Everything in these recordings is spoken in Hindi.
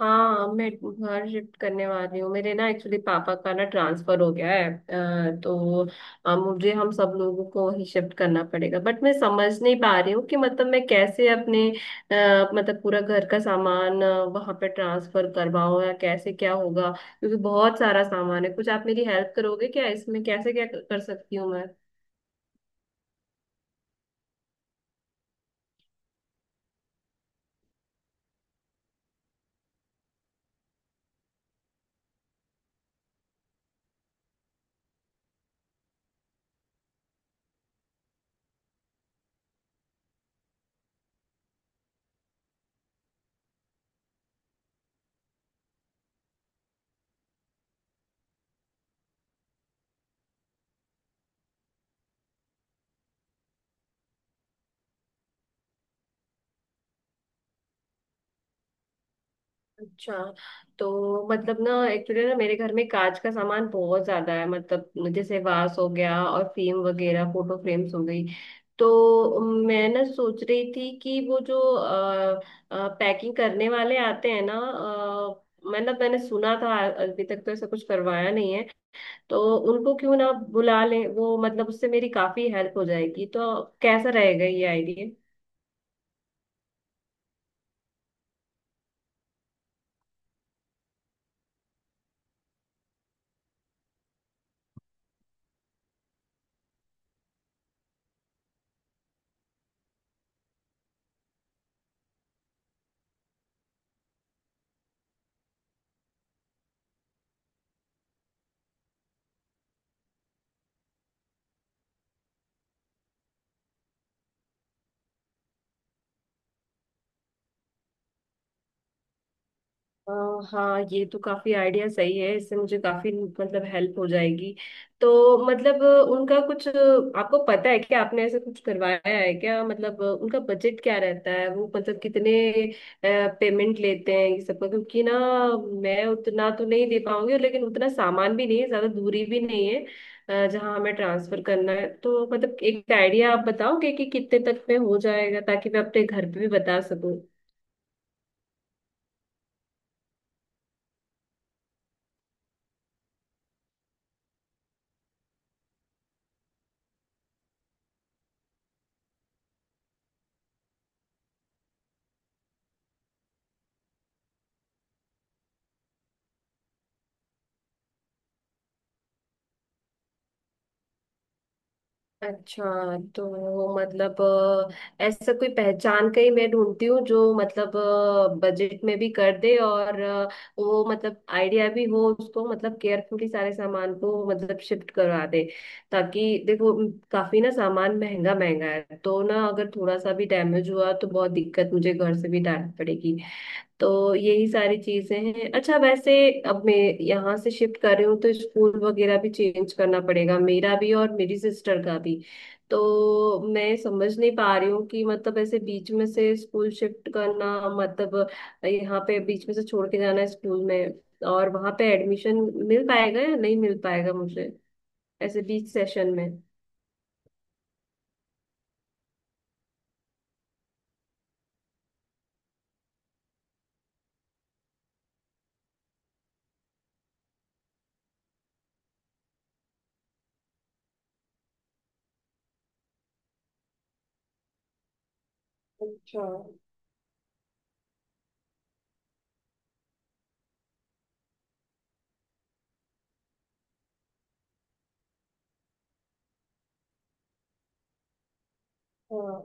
हाँ, मैं घर शिफ्ट करने वाली हूँ। मेरे ना एक्चुअली पापा का ना ट्रांसफर हो गया है, अ, तो मुझे हम सब लोगों को ही शिफ्ट करना पड़ेगा। बट मैं समझ नहीं पा रही हूँ कि मतलब मैं कैसे अपने मतलब पूरा घर का सामान वहाँ पे ट्रांसफर करवाऊँ, या कैसे क्या होगा? क्योंकि बहुत सारा सामान है। कुछ आप मेरी हेल्प करोगे क्या इसमें, कैसे क्या कर सकती हूँ मैं? अच्छा, तो मतलब ना एक्चुअली ना मेरे घर में कांच का सामान बहुत ज्यादा है, मतलब जैसे वास हो गया और फ्रेम वगैरह, फोटो फ्रेम्स हो गई। तो मैं ना सोच रही थी कि वो जो पैकिंग करने वाले आते हैं ना, मतलब मैंने सुना था, अभी तक तो ऐसा कुछ करवाया नहीं है, तो उनको क्यों ना बुला लें? वो मतलब उससे मेरी काफी हेल्प हो जाएगी। तो कैसा रहेगा ये आइडिया? अ, हाँ, ये तो काफी आइडिया सही है। इससे मुझे काफी मतलब हेल्प हो जाएगी। तो मतलब उनका कुछ आपको पता है क्या? आपने ऐसा कुछ करवाया है क्या? मतलब उनका बजट क्या रहता है, वो मतलब कितने पेमेंट लेते हैं ये सबका? क्योंकि ना मैं उतना तो नहीं दे पाऊंगी, लेकिन उतना सामान भी नहीं है, ज्यादा दूरी भी नहीं है जहाँ हमें ट्रांसफर करना है। तो मतलब एक आइडिया आप बताओगे कि कितने तक में हो जाएगा, ताकि मैं अपने घर पे भी बता सकूं। अच्छा, तो मतलब ऐसा कोई पहचान का ही मैं ढूंढती हूँ जो मतलब बजट में भी कर दे और वो मतलब आइडिया भी हो उसको, मतलब केयरफुली सारे सामान को मतलब शिफ्ट करवा दे। ताकि देखो, काफी ना सामान महंगा महंगा है, तो ना अगर थोड़ा सा भी डैमेज हुआ तो बहुत दिक्कत, मुझे घर से भी डांट पड़ेगी। तो यही सारी चीजें हैं। अच्छा वैसे, अब मैं यहाँ से शिफ्ट कर रही हूँ तो स्कूल वगैरह भी चेंज करना पड़ेगा, मेरा भी और मेरी सिस्टर का भी। तो मैं समझ नहीं पा रही हूँ कि मतलब ऐसे बीच में से स्कूल शिफ्ट करना, मतलब यहाँ पे बीच में से छोड़ के जाना स्कूल में, और वहां पे एडमिशन मिल पाएगा या नहीं मिल पाएगा मुझे ऐसे बीच सेशन में? अच्छा। हाँ,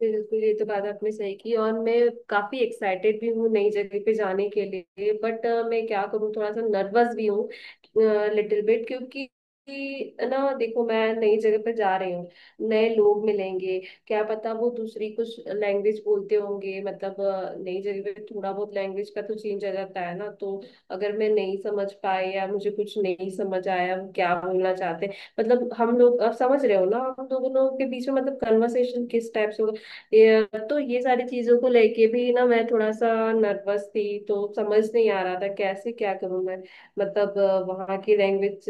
बिल्कुल, ये तो बात आपने सही की, और मैं काफी एक्साइटेड भी हूँ नई जगह पे जाने के लिए, बट मैं क्या करूँ, थोड़ा सा नर्वस भी हूँ, लिटिल बिट, क्योंकि कि ना देखो, मैं नई जगह पर जा रही हूँ, नए लोग मिलेंगे, क्या पता वो दूसरी कुछ लैंग्वेज बोलते होंगे। मतलब नई जगह पे थोड़ा बहुत लैंग्वेज का तो चेंज आ जाता है ना, तो अगर मैं नहीं समझ पाए या मुझे कुछ नहीं समझ आया वो क्या बोलना चाहते हैं, मतलब हम लोग अब समझ रहे हो ना, हम दोनों के बीच में मतलब कन्वर्सेशन किस टाइप से होगा ये। तो ये सारी चीजों को लेके भी ना मैं थोड़ा सा नर्वस थी, तो समझ नहीं आ रहा था कैसे क्या करूं मैं। मतलब वहाँ की लैंग्वेज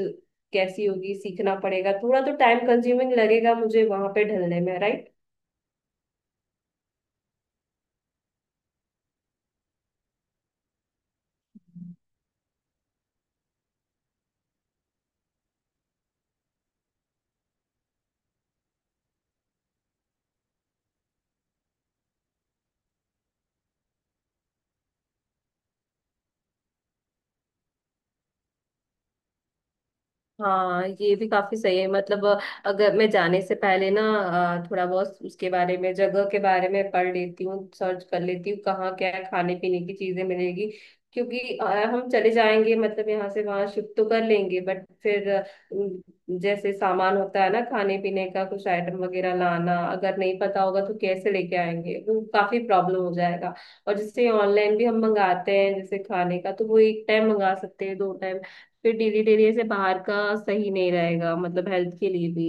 कैसी होगी, सीखना पड़ेगा, थोड़ा तो टाइम कंज्यूमिंग लगेगा मुझे वहां पे ढलने में, राइट। हाँ, ये भी काफी सही है। मतलब अगर मैं जाने से पहले ना थोड़ा बहुत उसके बारे में, जगह के बारे में पढ़ लेती हूँ, सर्च कर लेती हूँ कहाँ क्या खाने पीने की चीजें मिलेगी। क्योंकि हम चले जाएंगे, मतलब यहाँ से वहां शिफ्ट तो कर लेंगे, बट फिर जैसे सामान होता है ना खाने पीने का, कुछ आइटम वगैरह लाना, अगर नहीं पता होगा तो कैसे लेके आएंगे? वो काफी प्रॉब्लम हो जाएगा। और जैसे ऑनलाइन भी हम मंगाते हैं जैसे खाने का, तो वो एक टाइम मंगा सकते हैं, दो, फिर डिलीट एरिया से बाहर का सही नहीं रहेगा, मतलब हेल्थ के लिए भी।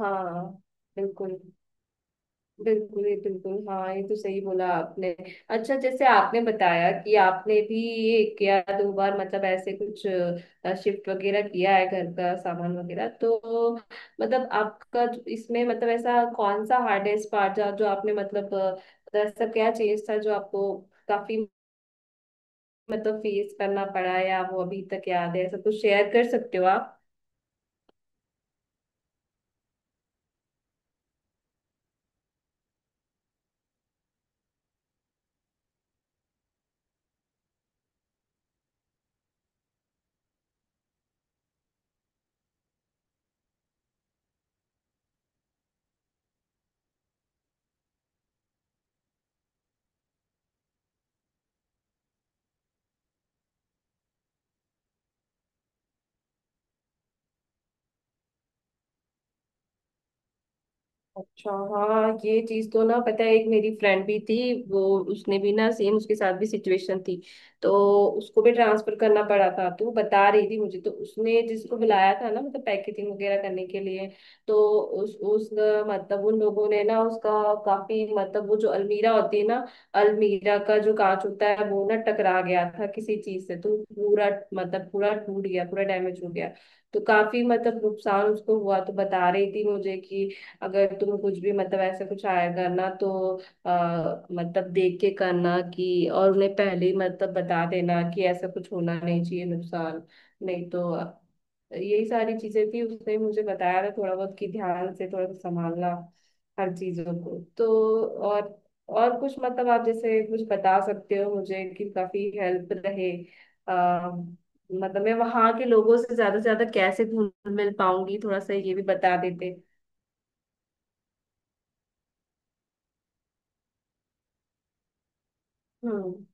हाँ, बिल्कुल बिल्कुल, ये बिल्कुल, हाँ, ये तो सही बोला आपने। अच्छा, जैसे आपने बताया कि आपने भी ये किया दो बार, मतलब ऐसे कुछ शिफ्ट वगैरह किया है घर का सामान वगैरह, तो मतलब आपका जो- इसमें मतलब ऐसा कौन सा हार्डेस्ट पार्ट था जो आपने मतलब मतलब ऐसा क्या चीज था जो आपको काफी मतलब फेस करना पड़ा, या वो अभी तक याद है? ऐसा कुछ शेयर कर सकते हो आप? अच्छा, हाँ, ये चीज तो ना पता है। एक मेरी फ्रेंड भी थी वो, उसने भी ना सेम, उसके साथ भी सिचुएशन थी, तो उसको भी ट्रांसफर करना पड़ा था, तो वो बता रही थी मुझे, तो उसने जिसको बुलाया था ना मतलब पैकेजिंग वगैरह करने के लिए, तो उस मतलब उन लोगों ने ना उसका काफी मतलब, वो जो अलमीरा होती है ना, अलमीरा का जो कांच होता है वो ना टकरा गया था किसी चीज से, तो पूरा मतलब पूरा टूट गया, पूरा डैमेज हो गया। तो काफी मतलब नुकसान उसको हुआ, तो बता रही थी मुझे कि अगर तुम कुछ भी मतलब ऐसा कुछ आया करना, तो मतलब देख के करना, कि और उन्हें पहले ही मतलब बता देना कि ऐसा कुछ होना नहीं चाहिए नुकसान, नहीं तो। यही सारी चीजें थी उसने मुझे बताया था थोड़ा बहुत, कि ध्यान से थोड़ा सा संभालना हर चीजों को। तो और और कुछ मतलब आप जैसे कुछ बता सकते हो मुझे कि काफी हेल्प रहे, मतलब मैं वहां के लोगों से ज्यादा कैसे घुल मिल पाऊंगी, थोड़ा सा ये भी बता देते। हम्म।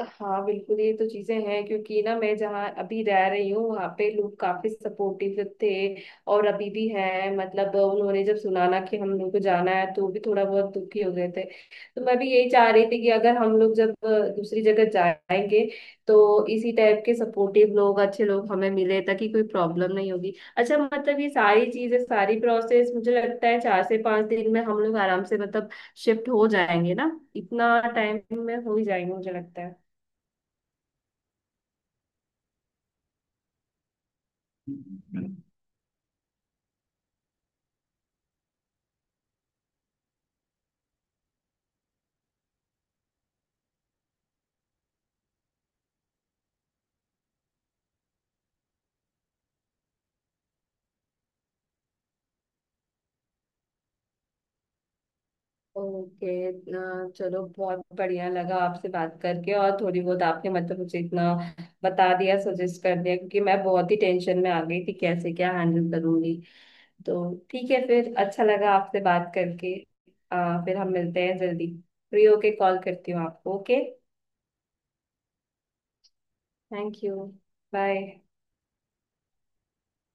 हाँ, बिल्कुल, ये तो चीजें हैं, क्योंकि ना मैं जहाँ अभी रह रही हूँ वहाँ पे लोग काफी सपोर्टिव थे, और अभी भी हैं, मतलब उन्होंने जब सुना ना कि हम लोग को जाना है तो भी थोड़ा बहुत दुखी हो गए थे। तो मैं भी यही चाह रही थी कि अगर हम लोग जब दूसरी जगह जाएंगे, तो इसी टाइप के सपोर्टिव लोग, अच्छे लोग हमें मिले, ताकि कोई प्रॉब्लम नहीं होगी। अच्छा, मतलब ये सारी चीजें, सारी प्रोसेस मुझे लगता है 4 से 5 दिन में हम लोग आराम से मतलब शिफ्ट हो जाएंगे ना, इतना टाइम में हो ही जाएंगे मुझे लगता है। ओके, इतना, चलो, बहुत बढ़िया लगा आपसे बात करके, और थोड़ी बहुत आपने मतलब मुझे इतना बता दिया, सजेस्ट कर दिया, क्योंकि मैं बहुत ही टेंशन में आ गई थी कैसे क्या हैंडल करूंगी। तो ठीक है, फिर अच्छा लगा आपसे बात करके। फिर हम मिलते हैं जल्दी, फ्री होके कॉल करती हूँ आपको, ओके? Thank you. बाय।